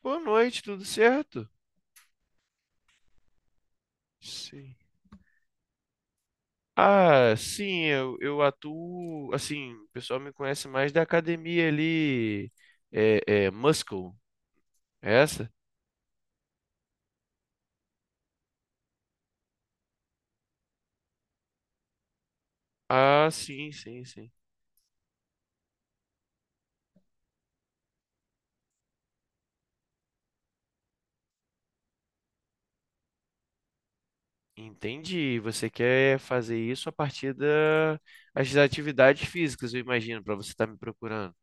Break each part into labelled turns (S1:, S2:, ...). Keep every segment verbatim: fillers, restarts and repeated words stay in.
S1: Boa noite, tudo certo? Sim. Ah, sim, eu, eu atuo. Assim, o pessoal me conhece mais da academia ali. É, é Muscle, é essa? Ah, sim, sim, sim. Entendi. Você quer fazer isso a partir da- das atividades físicas, eu imagino, para você estar me procurando.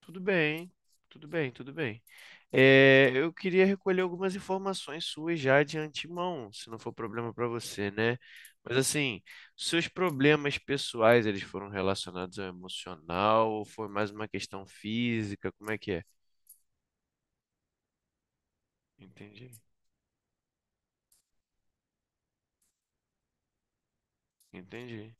S1: Tudo bem, tudo bem, tudo bem. É, eu queria recolher algumas informações suas já de antemão, se não for problema para você, né? Mas assim, seus problemas pessoais, eles foram relacionados ao emocional ou foi mais uma questão física? Como é que é? Entendi, entendi,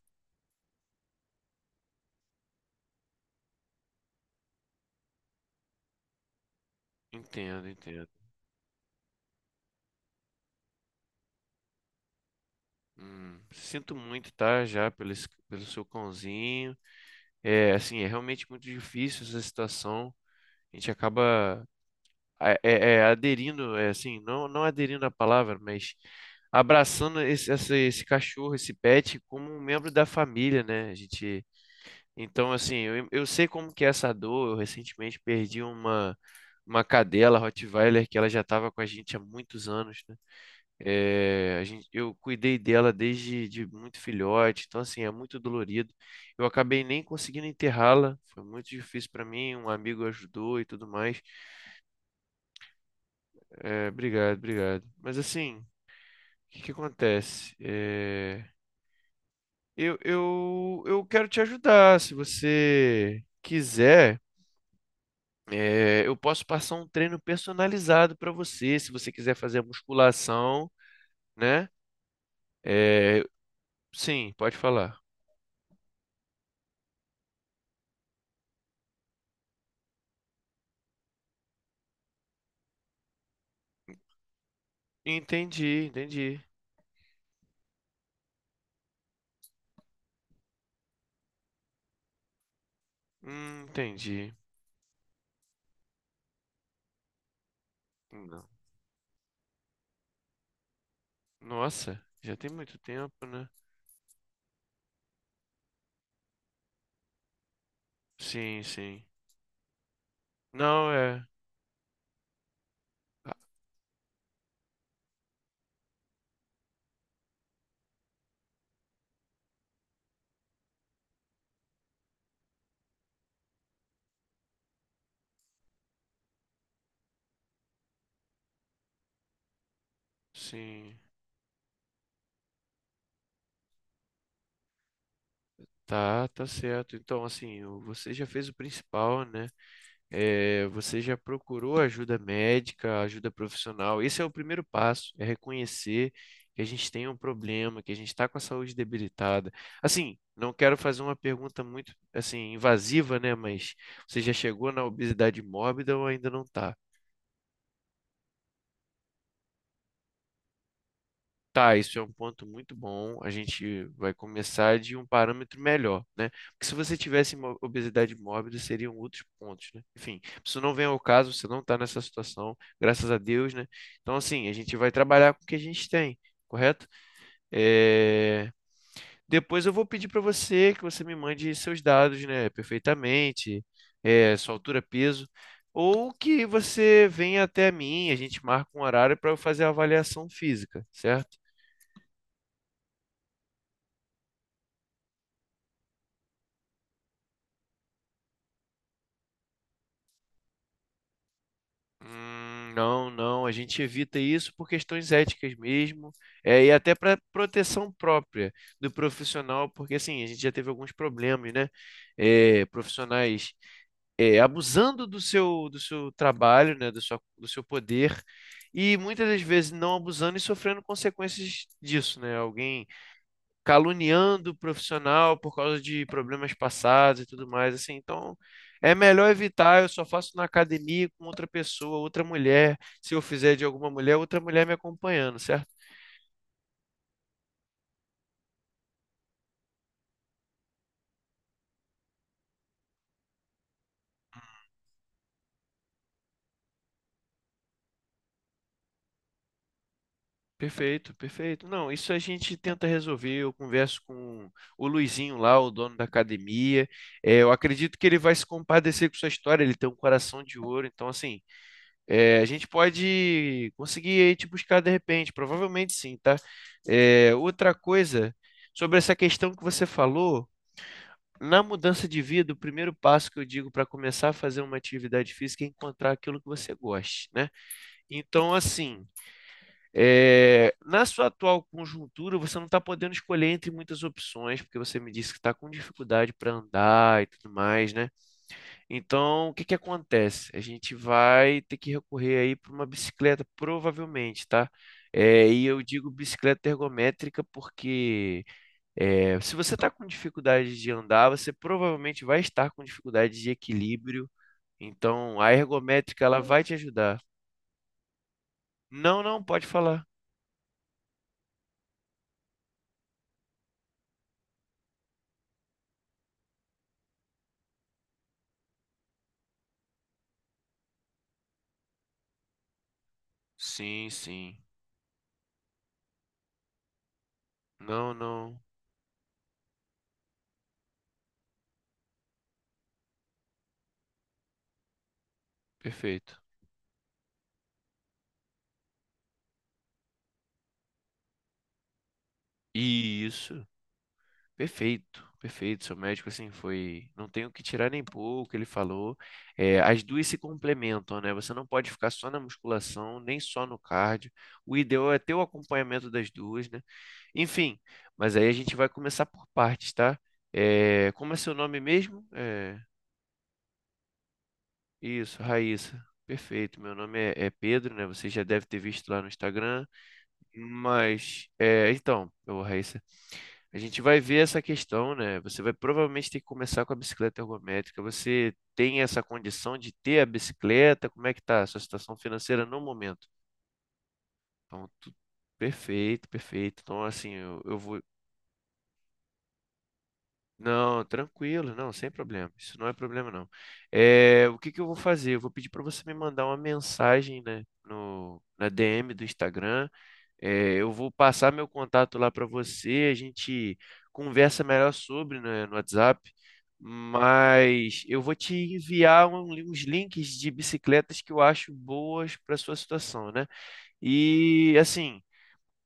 S1: entendo, entendo. Hum, sinto muito, tá? Já pelo, esse- pelo seu cãozinho. É, assim, é realmente muito difícil essa situação. A gente acaba é, é, é, aderindo, é, assim, não, não aderindo à palavra, mas abraçando esse, essa- esse cachorro, esse pet, como um membro da família, né? A gente, então, assim, eu, eu sei como que é essa dor. Eu recentemente perdi uma, uma cadela Rottweiler que ela já estava com a gente há muitos anos, né? É, a gente, eu cuidei dela desde de muito filhote, então, assim, é muito dolorido. Eu acabei nem conseguindo enterrá-la, foi muito difícil para mim. Um amigo ajudou e tudo mais. É, obrigado, obrigado. Mas assim, o que que acontece? É, eu, eu, eu quero te ajudar. Se você quiser, é, eu posso passar um treino personalizado para você. Se você quiser fazer a musculação, né? É, sim, pode falar. Entendi, entendi. Hum, entendi. Não. Nossa, já tem muito tempo, né? Sim, sim. Não, é. Ah, sim. Tá, tá certo. Então, assim, o- você já fez o principal, né? É, você já procurou ajuda médica, ajuda profissional. Esse é o primeiro passo, é reconhecer que a gente tem um problema, que a gente está com a saúde debilitada. Assim, não quero fazer uma pergunta muito, assim, invasiva, né? Mas você já chegou na obesidade mórbida ou ainda não está? Tá, isso é um ponto muito bom. A gente vai começar de um parâmetro melhor, né? Porque se você tivesse mo- obesidade mórbida, seriam outros pontos, né? Enfim, isso não vem ao caso, você não está nessa situação, graças a Deus, né? Então, assim, a gente vai trabalhar com o que a gente tem, correto? É, depois eu vou pedir para você que você me mande seus dados, né? Perfeitamente, é, sua altura, peso. Ou que você venha até mim, a gente marca um horário para eu fazer a avaliação física, certo? Hum, não, não, a gente evita isso por questões éticas mesmo, é, e até para proteção própria do profissional, porque assim, a gente já teve alguns problemas, né? É, profissionais é, abusando do seu, do seu trabalho, né? Do sua, do seu poder, e muitas das vezes não abusando e sofrendo consequências disso, né? Alguém caluniando o profissional por causa de problemas passados e tudo mais, assim. Então, é melhor evitar. Eu só faço na academia com outra pessoa, outra mulher. Se eu fizer de alguma mulher, outra mulher me acompanhando, certo? Perfeito, perfeito. Não, isso a gente tenta resolver. Eu converso com o Luizinho lá, o dono da academia. É, eu acredito que ele vai se compadecer com sua história. Ele tem um coração de ouro. Então, assim, é, a gente pode conseguir aí te buscar de repente, provavelmente sim, tá? É, outra coisa, sobre essa questão que você falou, na mudança de vida, o primeiro passo que eu digo para começar a fazer uma atividade física é encontrar aquilo que você goste, né? Então, assim, é, na sua atual conjuntura, você não está podendo escolher entre muitas opções, porque você me disse que está com dificuldade para andar e tudo mais, né? Então, o que que acontece? A gente vai ter que recorrer aí para uma bicicleta, provavelmente, tá? É, e eu digo bicicleta ergométrica porque é, se você está com dificuldade de andar, você provavelmente vai estar com dificuldade de equilíbrio. Então, a ergométrica ela vai te ajudar. Não, não, pode falar. Sim, sim. Não, não. Perfeito. Isso. Perfeito, perfeito. Seu médico, assim, foi. Não tenho que tirar nem pôr o que ele falou. É, as duas se complementam, né? Você não pode ficar só na musculação, nem só no cardio. O ideal é ter o acompanhamento das duas, né? Enfim, mas aí a gente vai começar por partes, tá? É, como é seu nome mesmo? É, isso, Raíssa. Perfeito. Meu nome é, é Pedro, né? Você já deve ter visto lá no Instagram. Mas, é, então, ô Raíssa, a gente vai ver essa questão, né? Você vai provavelmente ter que começar com a bicicleta ergométrica. Você tem essa condição de ter a bicicleta? Como é que tá a sua situação financeira no momento? Então, tu- perfeito, perfeito. Então, assim, eu, eu vou. Não, tranquilo, não, sem problema. Isso não é problema, não. É, o que que eu vou fazer? Eu vou pedir para você me mandar uma mensagem, né, no, na D M do Instagram. É, eu vou passar meu contato lá para você, a gente conversa melhor sobre, né, no WhatsApp, mas eu vou te enviar um- uns links de bicicletas que eu acho boas para sua situação, né? E assim,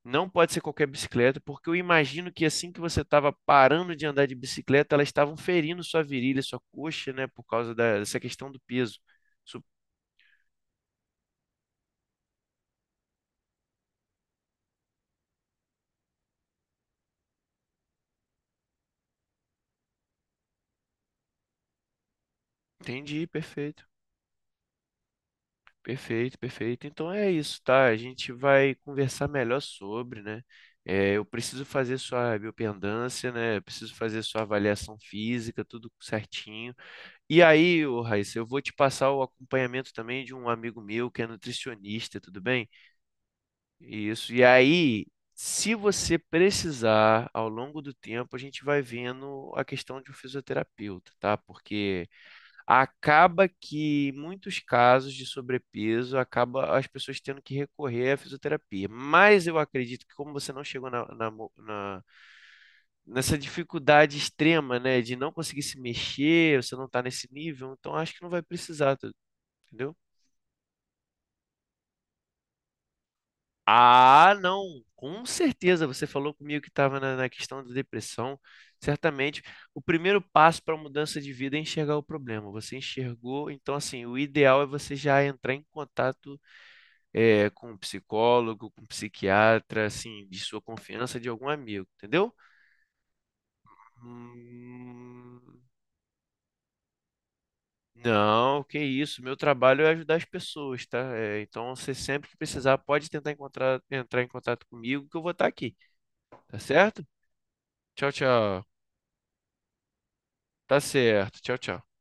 S1: não pode ser qualquer bicicleta, porque eu imagino que assim que você estava parando de andar de bicicleta, elas estavam ferindo sua virilha, sua coxa, né, por causa da- dessa questão do peso. Su- Entendi, perfeito. Perfeito, perfeito. Então é isso, tá? A gente vai conversar melhor sobre, né? É, eu preciso fazer sua biopendância, né? Eu preciso fazer sua avaliação física, tudo certinho. E aí, ô Raíssa, eu vou te passar o acompanhamento também de um amigo meu que é nutricionista, tudo bem? Isso. E aí, se você precisar, ao longo do tempo, a gente vai vendo a questão de um fisioterapeuta, tá? Porque acaba que em muitos casos de sobrepeso acaba as pessoas tendo que recorrer à fisioterapia. Mas eu acredito que como você não chegou na, na mo- na- nessa dificuldade extrema, né, de não conseguir se mexer, você não está nesse nível, então acho que não vai precisar, tá, entendeu? Ah, não, com certeza. Você falou comigo que estava na, na questão da depressão. Certamente, o primeiro passo para a mudança de vida é enxergar o problema. Você enxergou, então assim, o ideal é você já entrar em contato é, com um psicólogo, com um psiquiatra, assim, de sua confiança de algum amigo, entendeu? Hum, não, que isso. Meu trabalho é ajudar as pessoas, tá? É, então, você sempre que precisar, pode tentar encontrar, entrar em contato comigo, que eu vou estar aqui, tá certo? Tchau, tchau. Tá certo. Tchau, tchau.